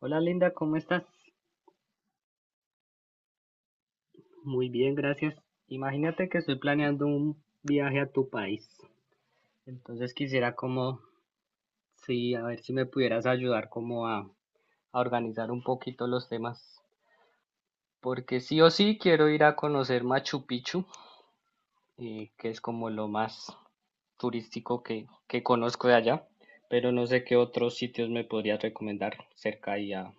Hola Linda, ¿cómo estás? Muy bien, gracias. Imagínate que estoy planeando un viaje a tu país. Entonces quisiera como, sí, a ver si me pudieras ayudar como a organizar un poquito los temas. Porque sí o sí quiero ir a conocer Machu Picchu, que es como lo más turístico que conozco de allá. Pero no sé qué otros sitios me podrías recomendar cerca y a.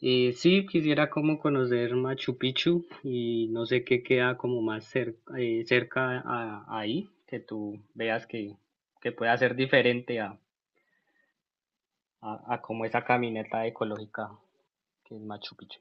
Sí, quisiera como conocer Machu Picchu y no sé qué queda como más cerca a, ahí, que tú veas que pueda ser diferente a como esa caminata ecológica que es Machu Picchu.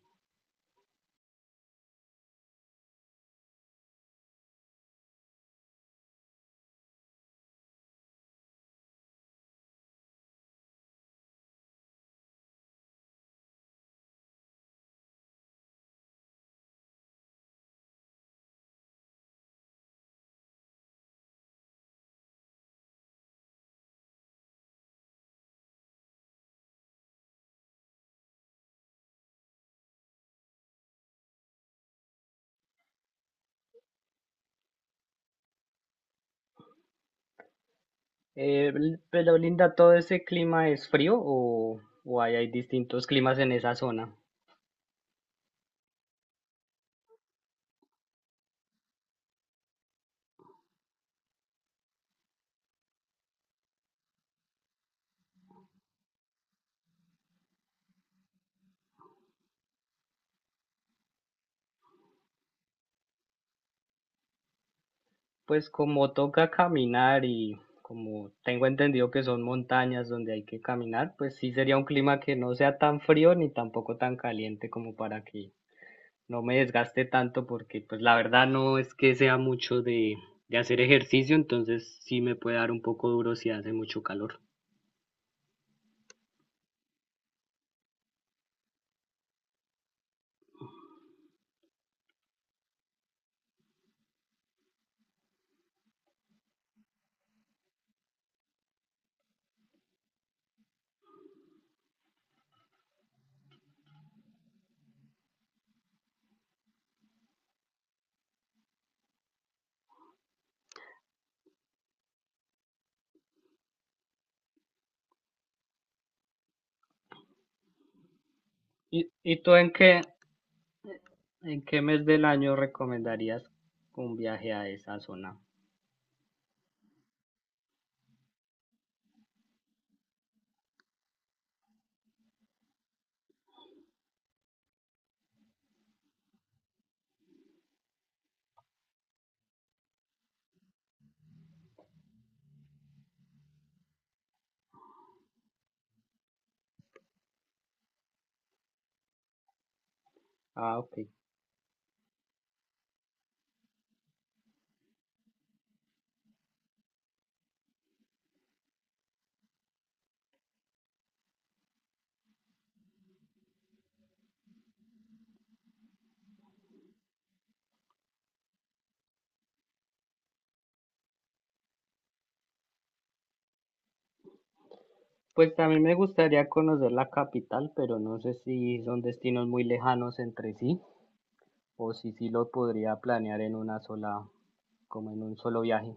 Pero Linda, ¿todo ese clima es frío o hay distintos climas en esa zona? Pues como toca caminar y como tengo entendido que son montañas donde hay que caminar, pues sí sería un clima que no sea tan frío ni tampoco tan caliente como para que no me desgaste tanto porque pues la verdad no es que sea mucho de hacer ejercicio, entonces sí me puede dar un poco duro si hace mucho calor. Y tú en qué mes del año recomendarías un viaje a esa zona? Ah, ok. Pues a mí me gustaría conocer la capital, pero no sé si son destinos muy lejanos entre sí o si sí lo podría planear en una sola, como en un solo viaje.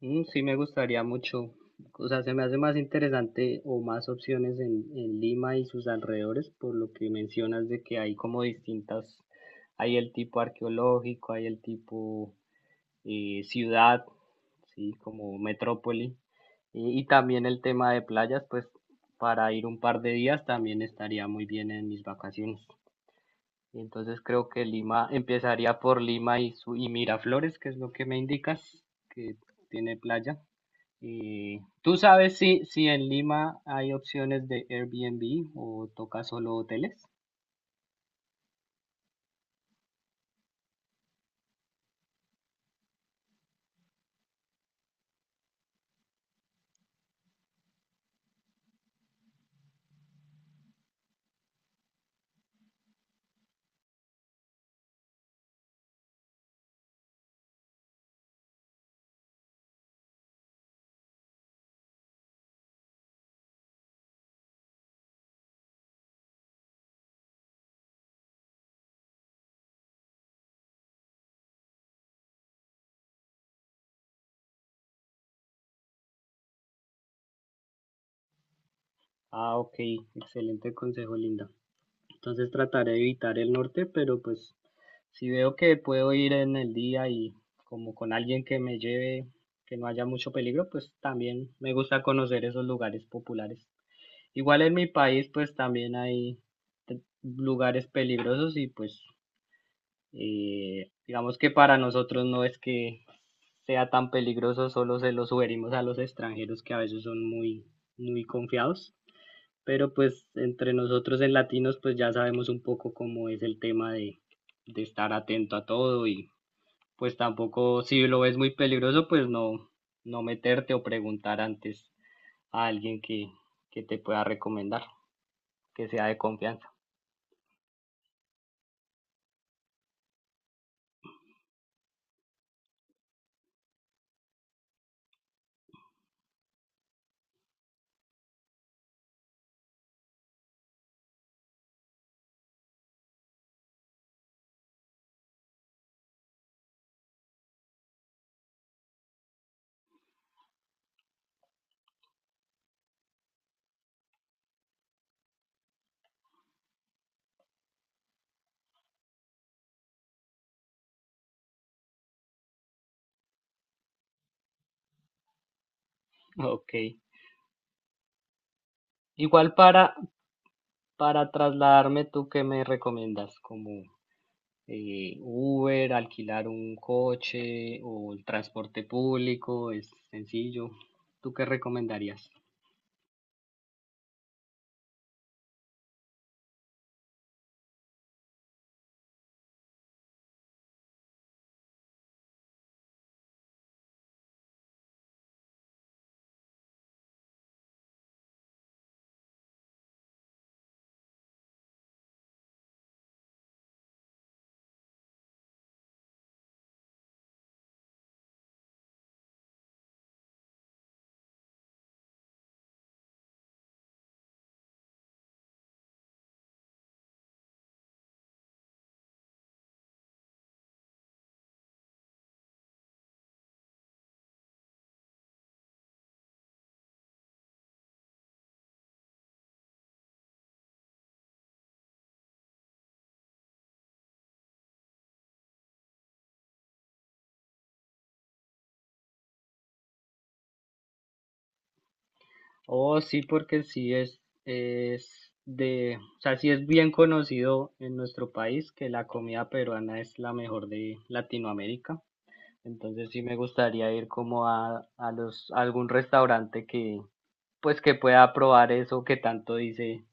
Mm, sí me gustaría mucho, o sea, se me hace más interesante o más opciones en Lima y sus alrededores, por lo que mencionas de que hay como distintas, hay el tipo arqueológico, hay el tipo ciudad, ¿sí? Como metrópoli. Y también el tema de playas, pues para ir un par de días también estaría muy bien en mis vacaciones. Entonces creo que Lima, empezaría por Lima y, su, y Miraflores, que es lo que me indicas, que tiene playa. ¿Tú sabes si, si en Lima hay opciones de Airbnb o toca solo hoteles? Ah, ok, excelente consejo, Linda. Entonces trataré de evitar el norte, pero pues si veo que puedo ir en el día y como con alguien que me lleve, que no haya mucho peligro, pues también me gusta conocer esos lugares populares. Igual en mi país pues también hay lugares peligrosos y pues digamos que para nosotros no es que sea tan peligroso, solo se lo sugerimos a los extranjeros que a veces son muy, muy confiados, pero pues entre nosotros en latinos pues ya sabemos un poco cómo es el tema de estar atento a todo y pues tampoco, si lo ves muy peligroso pues no, no meterte o preguntar antes a alguien que te pueda recomendar, que sea de confianza. Ok. Igual para trasladarme, ¿tú qué me recomiendas? Como Uber, alquilar un coche o el transporte público, ¿es sencillo? ¿Tú qué recomendarías? Oh, sí, porque sí es de, o sea, sí es bien conocido en nuestro país que la comida peruana es la mejor de Latinoamérica. Entonces sí me gustaría ir como a los, a algún restaurante que, pues que pueda probar eso que tanto dice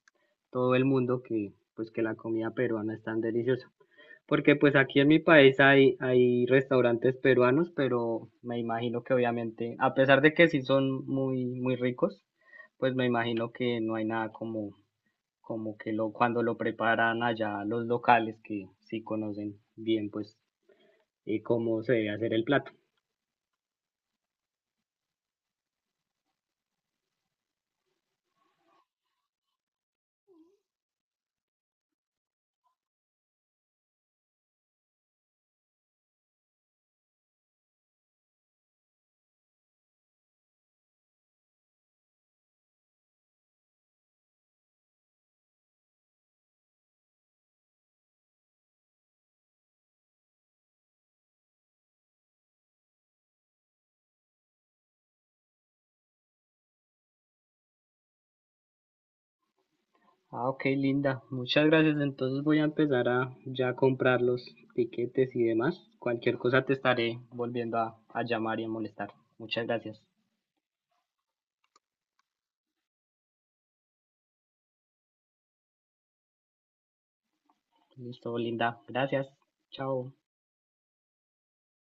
todo el mundo que, pues que la comida peruana es tan deliciosa. Porque pues aquí en mi país hay, hay restaurantes peruanos, pero me imagino que obviamente, a pesar de que sí son muy, muy ricos, pues me imagino que no hay nada como, como que lo, cuando lo preparan allá los locales que sí conocen bien pues cómo se debe hacer el plato. Ah, ok, Linda. Muchas gracias. Entonces voy a empezar a ya comprar los tiquetes y demás. Cualquier cosa te estaré volviendo a llamar y a molestar. Muchas gracias. Listo, Linda. Gracias. Chao.